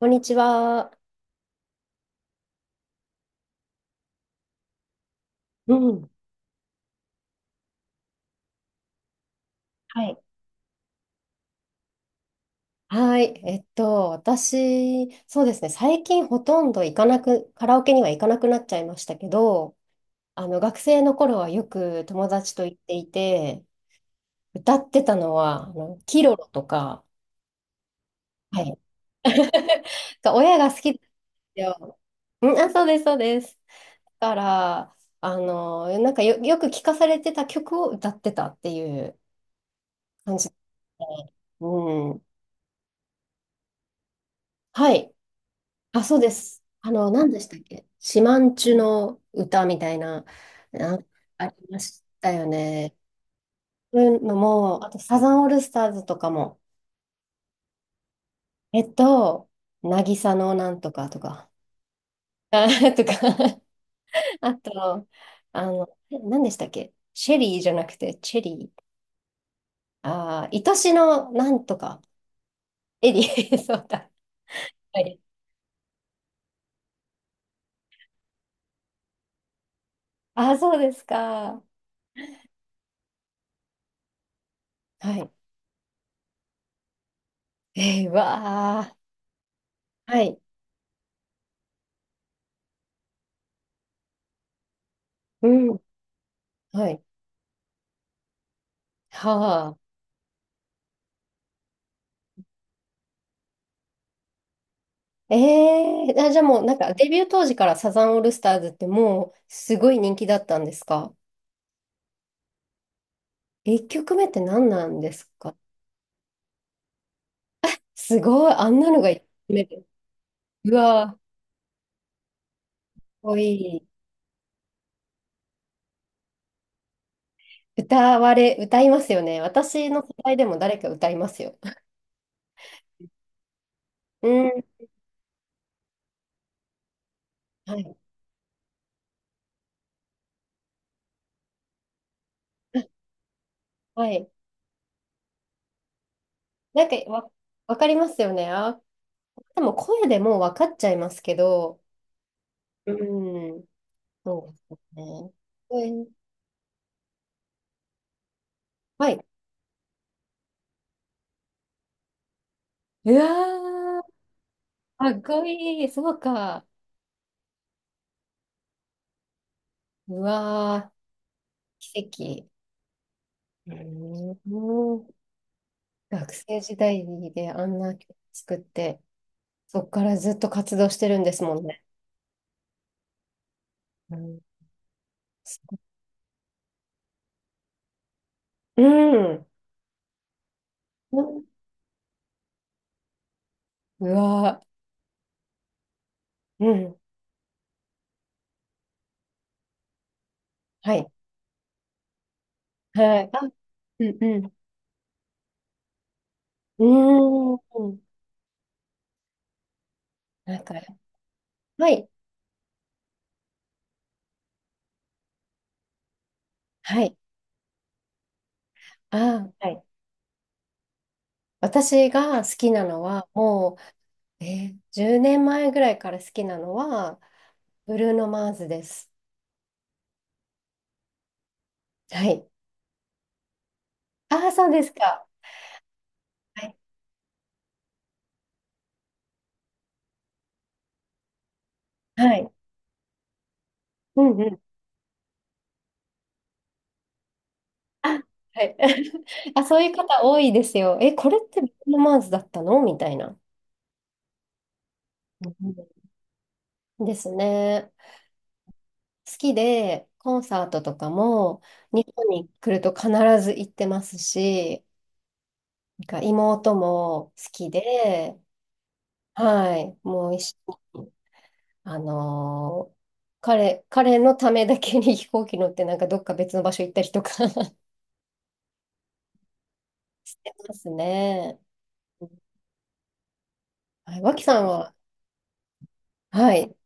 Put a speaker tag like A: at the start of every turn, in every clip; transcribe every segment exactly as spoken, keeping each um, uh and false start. A: こんにちは。うん。はい。はい。えっと、私、そうですね、最近ほとんど行かなく、カラオケには行かなくなっちゃいましたけど、あの、学生の頃はよく友達と行っていて、歌ってたのは、あの、キロロとか、はい。が親が好きなんですよ。うん、あ、そうです、そうです。だから、あの、なんかよ、よく聞かされてた曲を歌ってたっていう感じで、うん。はい。あ、そうです。あの、何でしたっけ、シマんチュの歌みたいな、なんありましたよね。そういうのも、あとサザンオールスターズとかも、えっと、渚のなんとかとか、あ、とか、あと、あの、何でしたっけ、シェリーじゃなくて、チェリー。あー、愛しのなんとか、エリー、そうだ。はい。あ、そうですか。はい。えー、わあ。はい。うん。はい。はあ。ええーあ、じゃあもうなんかデビュー当時からサザンオールスターズってもうすごい人気だったんですか ?いち 曲目って何なんですか？すごい、あんなのがいっきょくめで。うわー、かっこいい。歌われ、歌いますよね。私の世代でも誰か歌いますよ。うん。はい。はい。なんかわ、わかりますよね。あ、でも声でもうわかっちゃいますけど。うん。そうですね。うん、はい。うわー、かっこいい。そうか。うわー、奇跡。うーん、学生時代であんな曲作って、そこからずっと活動してるんですもんね。うんうん。うんうわー。うん。はい。はい。あ、うんうん。うーん。なんか、はい。はい。あー、はい。私が好きなのは、もう、えー、じゅうねんまえぐらいから好きなのは、ブルーノ・マーズです。はい。ああ、そうですか。はい。はい。うんうん。あ、はい。あ、そういう方多いですよ。え、これってビートマンズだったのみたいな。うんですね。好きで、コンサートとかも日本に来ると必ず行ってますし、なんか妹も好きで、はい、もう一緒に、あのー彼、彼のためだけに飛行機乗ってなんかどっか別の場所行ったりとか してますね。はい、脇さんは、はい。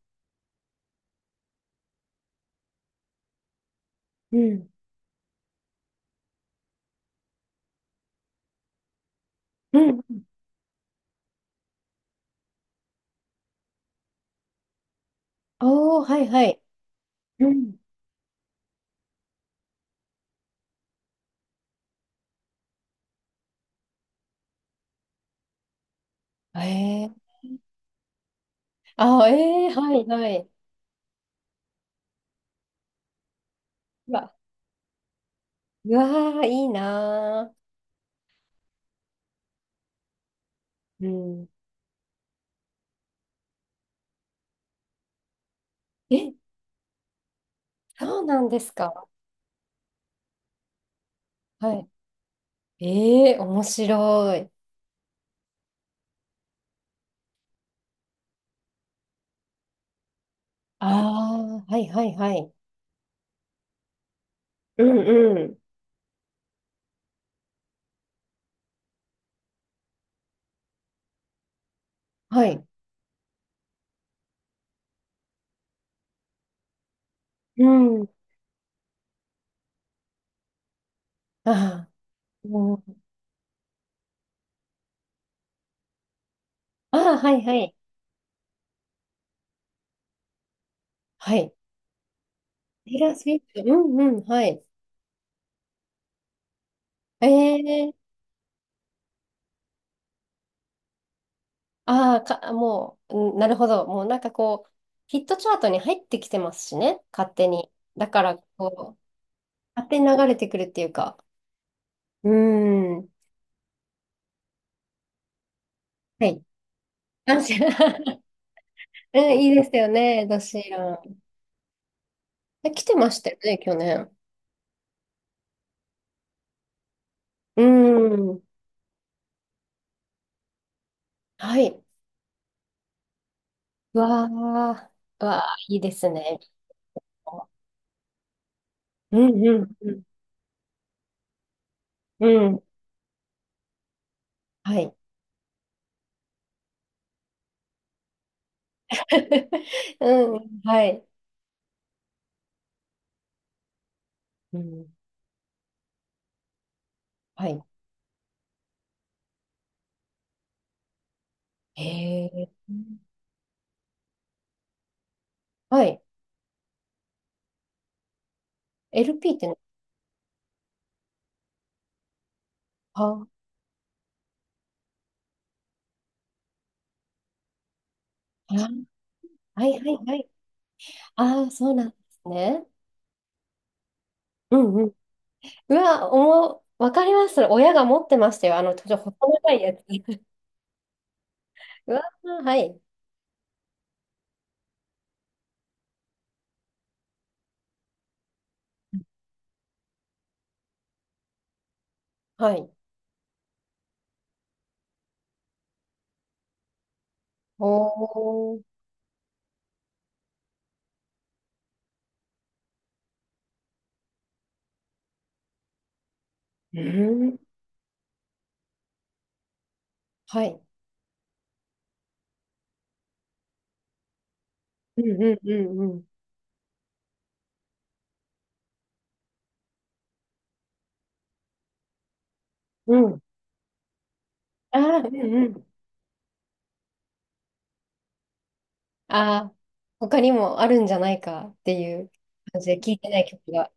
A: うん。うんおー、はいはい。うん。えー、あ、えー、はいはい。うわ、うわー、いいなー。うん。え、そうなんですか。はい。えー、面白い。ああ、はいはいはい。うんうん。はい。うん。あー、うん、あー、はいはい。はい。テイラー・スウィフト。うんうん、はい。えー、ああ、か、もう、うん、なるほど。もうなんかこう、ヒットチャートに入ってきてますしね、勝手に。だから、こう、勝手に流れてくるっていうか。うーん。はい。安心 うん、いいですよね、ドシーラン。え、来てましたよね、去年。うーん。はい。うわあ、うわあ、いいですね。うんうんうん。うん。はい。うん、はい。うん、はい。へえ。はい。エルピー ってね、あ、あ、はいはいはい。ああ、そうなんですね。うん、うわ、おも、わかります。それ親が持ってましたよ。あの、ちょっと細長いやつ。うわ、はい。はい。おー。うん。はい。うんうんうんうん。うん。ああ、うんうん。ああ、他にもあるんじゃないかっていう感じで聞いてない曲が。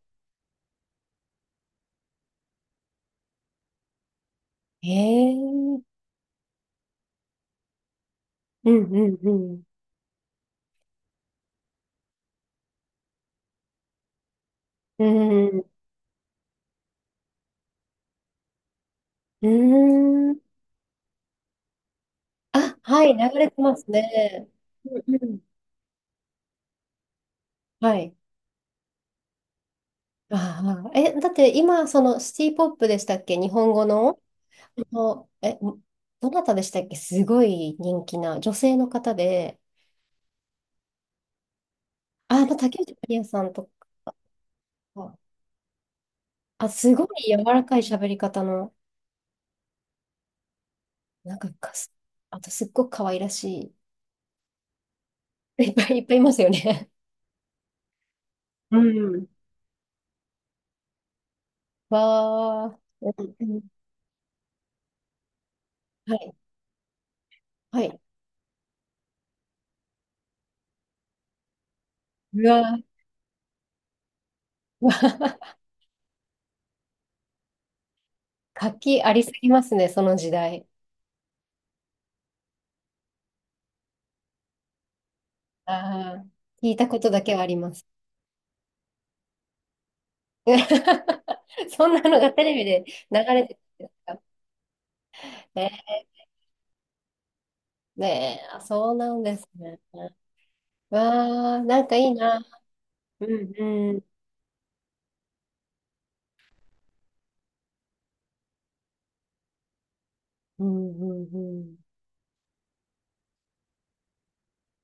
A: へえ。うんうんうん。うん。うん。あ、はい、流れてますね。うんうん。はい。ああ、え、だって今、そのシティポップでしたっけ、日本語のの、え、どなたでしたっけ、すごい人気な女性の方で、あ、まあ、竹内まりやさんとか、あ、すごい柔らかい喋り方の、なんかかす、あとすっごく可愛らしい、いっぱい、いっぱいいますよね。うん。わー、うんうん、はい、はい。うわー、うわー、活気ありすぎますね、その時代。ああ、聞いたことだけはあります。そんなのがテレビで流れてるんですか？ねえ、あ、そうなんですね。わあ、なんかいいな。うんうん。うんうんうん。